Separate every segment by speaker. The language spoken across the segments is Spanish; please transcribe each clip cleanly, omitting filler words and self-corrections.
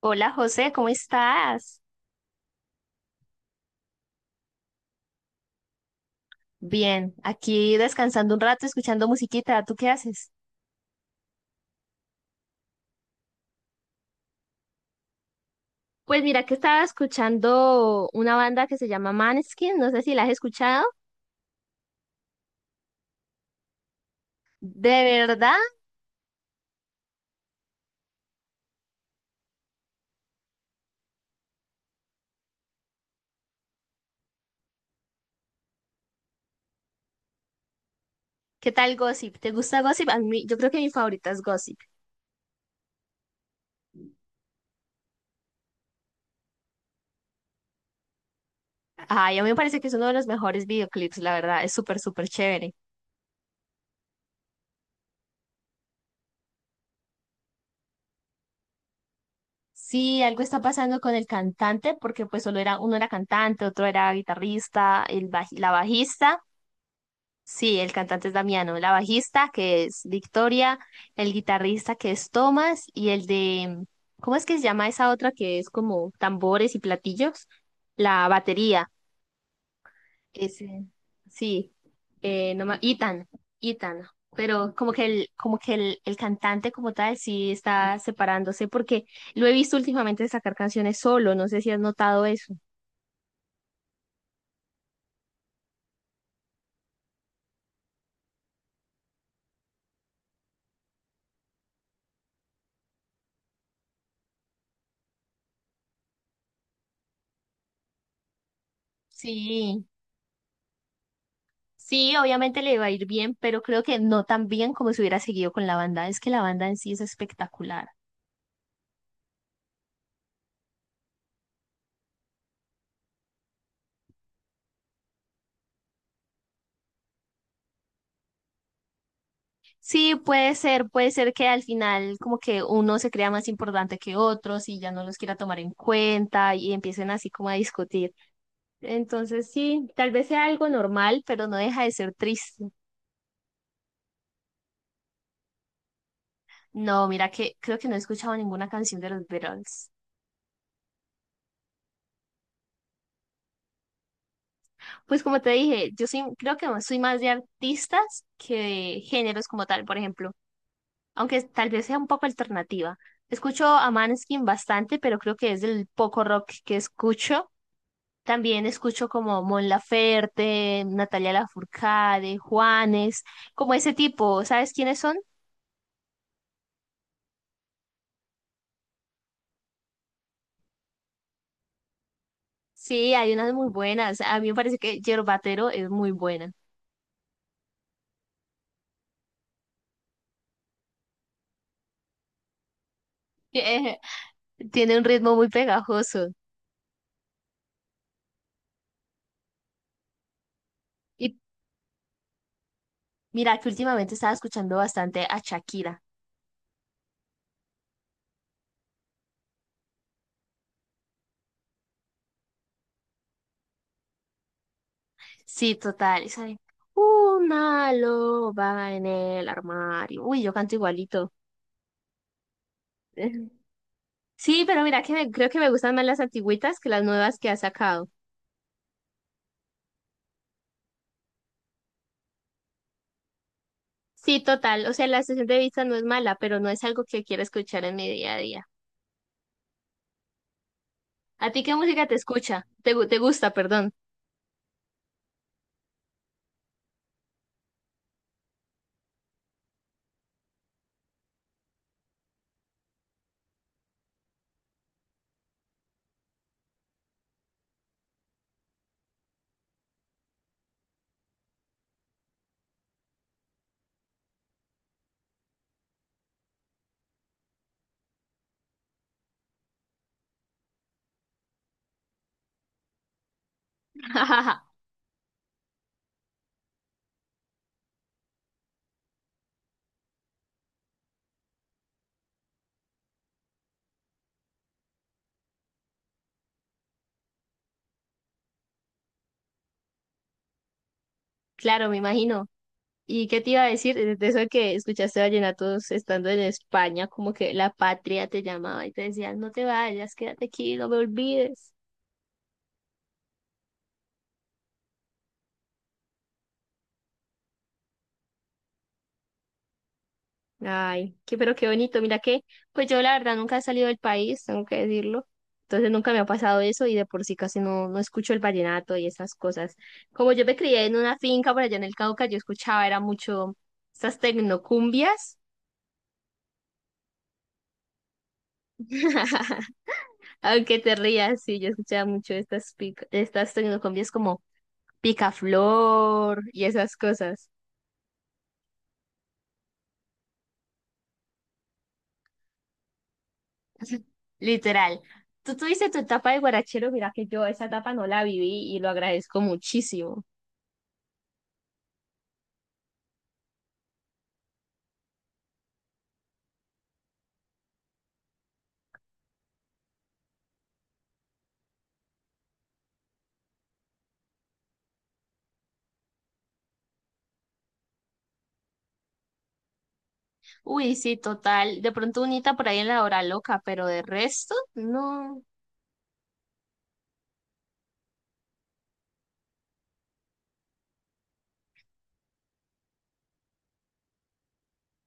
Speaker 1: Hola José, ¿cómo estás? Bien, aquí descansando un rato, escuchando musiquita. ¿Tú qué haces? Pues mira que estaba escuchando una banda que se llama Maneskin, no sé si la has escuchado. ¿De verdad? ¿Qué tal Gossip? ¿Te gusta Gossip? A mí, yo creo que mi favorita es Gossip. Ay, a mí me parece que es uno de los mejores videoclips, la verdad. Es súper, súper chévere. Sí, algo está pasando con el cantante, porque pues solo era, uno era cantante, otro era guitarrista, la bajista. Sí, el cantante es Damiano, la bajista que es Victoria, el guitarrista que es Tomás y el de, ¿cómo es que se llama esa otra que es como tambores y platillos? La batería, ese, sí, no ma- Ethan, pero el cantante como tal sí está separándose porque lo he visto últimamente sacar canciones solo, no sé si has notado eso. Sí. Sí, obviamente le va a ir bien, pero creo que no tan bien como si hubiera seguido con la banda. Es que la banda en sí es espectacular. Sí, puede ser que al final como que uno se crea más importante que otros y ya no los quiera tomar en cuenta y empiecen así como a discutir. Entonces sí, tal vez sea algo normal, pero no deja de ser triste. No, mira que creo que no he escuchado ninguna canción de los Beatles. Pues como te dije, creo que soy más de artistas que de géneros como tal. Por ejemplo, aunque tal vez sea un poco alternativa. Escucho a Maneskin bastante, pero creo que es el poco rock que escucho. También escucho como Mon Laferte, Natalia Lafourcade, Juanes, como ese tipo. ¿Sabes quiénes son? Sí, hay unas muy buenas. A mí me parece que Yerbatero es muy buena. Tiene un ritmo muy pegajoso. Y mira que últimamente estaba escuchando bastante a Shakira. Sí, total. Una loba en el armario. Uy, yo canto igualito. Sí, pero mira que creo que me gustan más las antigüitas que las nuevas que ha sacado. Sí, total. O sea, la sesión de vista no es mala, pero no es algo que quiera escuchar en mi día a día. ¿A ti qué música te escucha? Te gusta, perdón. Claro, me imagino. ¿Y qué te iba a decir? De eso de que escuchaste vallenatos estando en España, como que la patria te llamaba y te decía, no te vayas, quédate aquí, no me olvides. Ay, qué, pero qué bonito. Mira que, pues yo la verdad nunca he salido del país, tengo que decirlo. Entonces nunca me ha pasado eso y de por sí casi no escucho el vallenato y esas cosas. Como yo me crié en una finca por allá en el Cauca, yo escuchaba, era mucho estas tecnocumbias. Aunque te rías, sí, yo escuchaba mucho estas tecnocumbias como Picaflor y esas cosas. Literal. Tú tuviste tu etapa de guarachero, mira que yo esa etapa no la viví y lo agradezco muchísimo. Uy, sí, total. De pronto unita por ahí en la hora loca, pero de resto, no.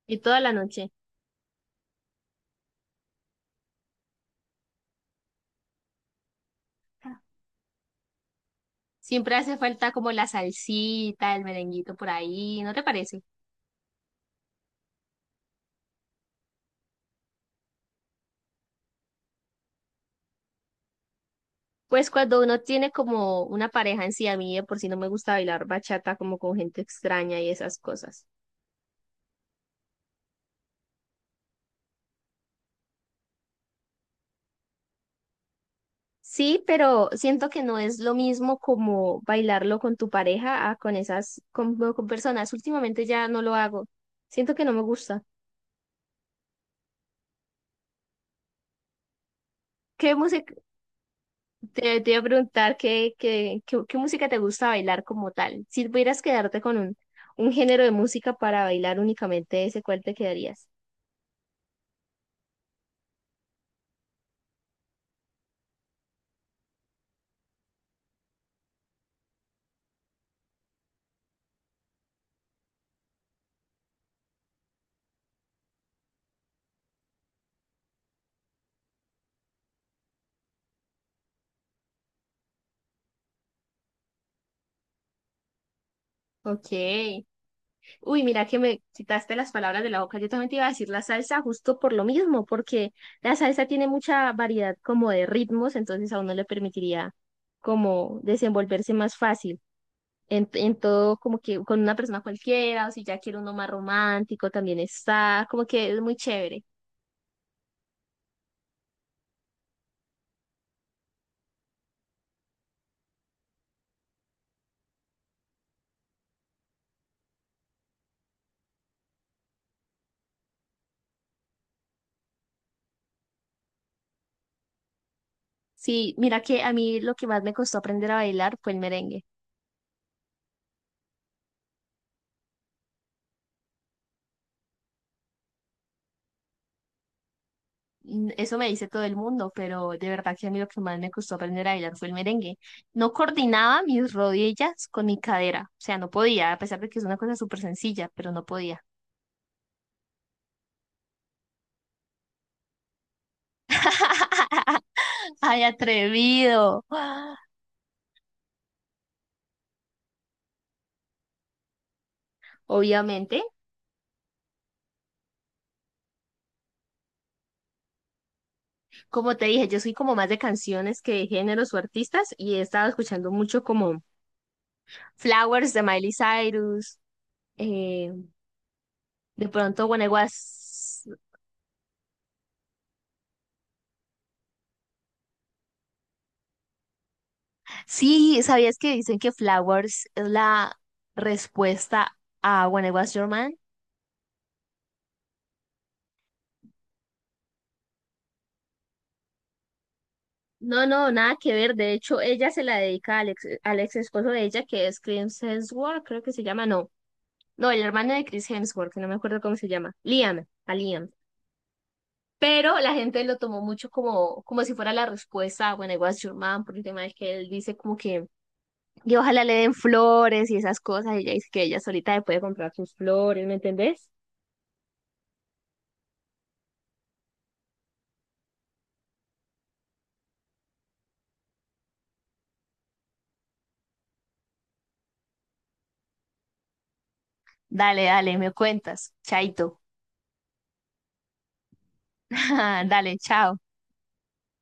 Speaker 1: Y toda la noche. Siempre hace falta como la salsita, el merenguito por ahí, ¿no te parece? Pues cuando uno tiene como una pareja en sí, a mí de por sí no me gusta bailar bachata como con gente extraña y esas cosas. Sí, pero siento que no es lo mismo como bailarlo con tu pareja a con personas. Últimamente ya no lo hago. Siento que no me gusta. ¿Qué música? Te iba a preguntar qué música te gusta bailar como tal. Si pudieras quedarte con un género de música para bailar únicamente ese, ¿cuál te quedarías? Ok. Uy, mira que me quitaste las palabras de la boca. Yo también te iba a decir la salsa justo por lo mismo, porque la salsa tiene mucha variedad como de ritmos, entonces a uno le permitiría como desenvolverse más fácil en todo, como que con una persona cualquiera, o si ya quiere uno más romántico, también está, como que es muy chévere. Sí, mira que a mí lo que más me costó aprender a bailar fue el merengue. Mm, eso me dice todo el mundo, pero de verdad que a mí lo que más me costó aprender a bailar fue el merengue. No coordinaba mis rodillas con mi cadera, o sea, no podía, a pesar de que es una cosa súper sencilla, pero no podía. ¡Ay, atrevido! ¡Ah! Obviamente, como te dije, yo soy como más de canciones que de géneros o artistas y he estado escuchando mucho como Flowers de Miley Cyrus, eh, de pronto When I Was. Sí, ¿sabías que dicen que Flowers es la respuesta a When I Was Your Man? No, no, nada que ver. De hecho, ella se la dedica al ex esposo de ella, que es Chris Hemsworth, creo que se llama, no. No, el hermano de Chris Hemsworth, que no me acuerdo cómo se llama. A Liam. Pero la gente lo tomó mucho como si fuera la respuesta a When I Was Your Man, por el tema de que él dice como que, y ojalá le den flores y esas cosas. Y ella dice que ella solita le puede comprar sus flores, ¿me entendés? Dale, dale, me cuentas. Chaito. Dale, chao.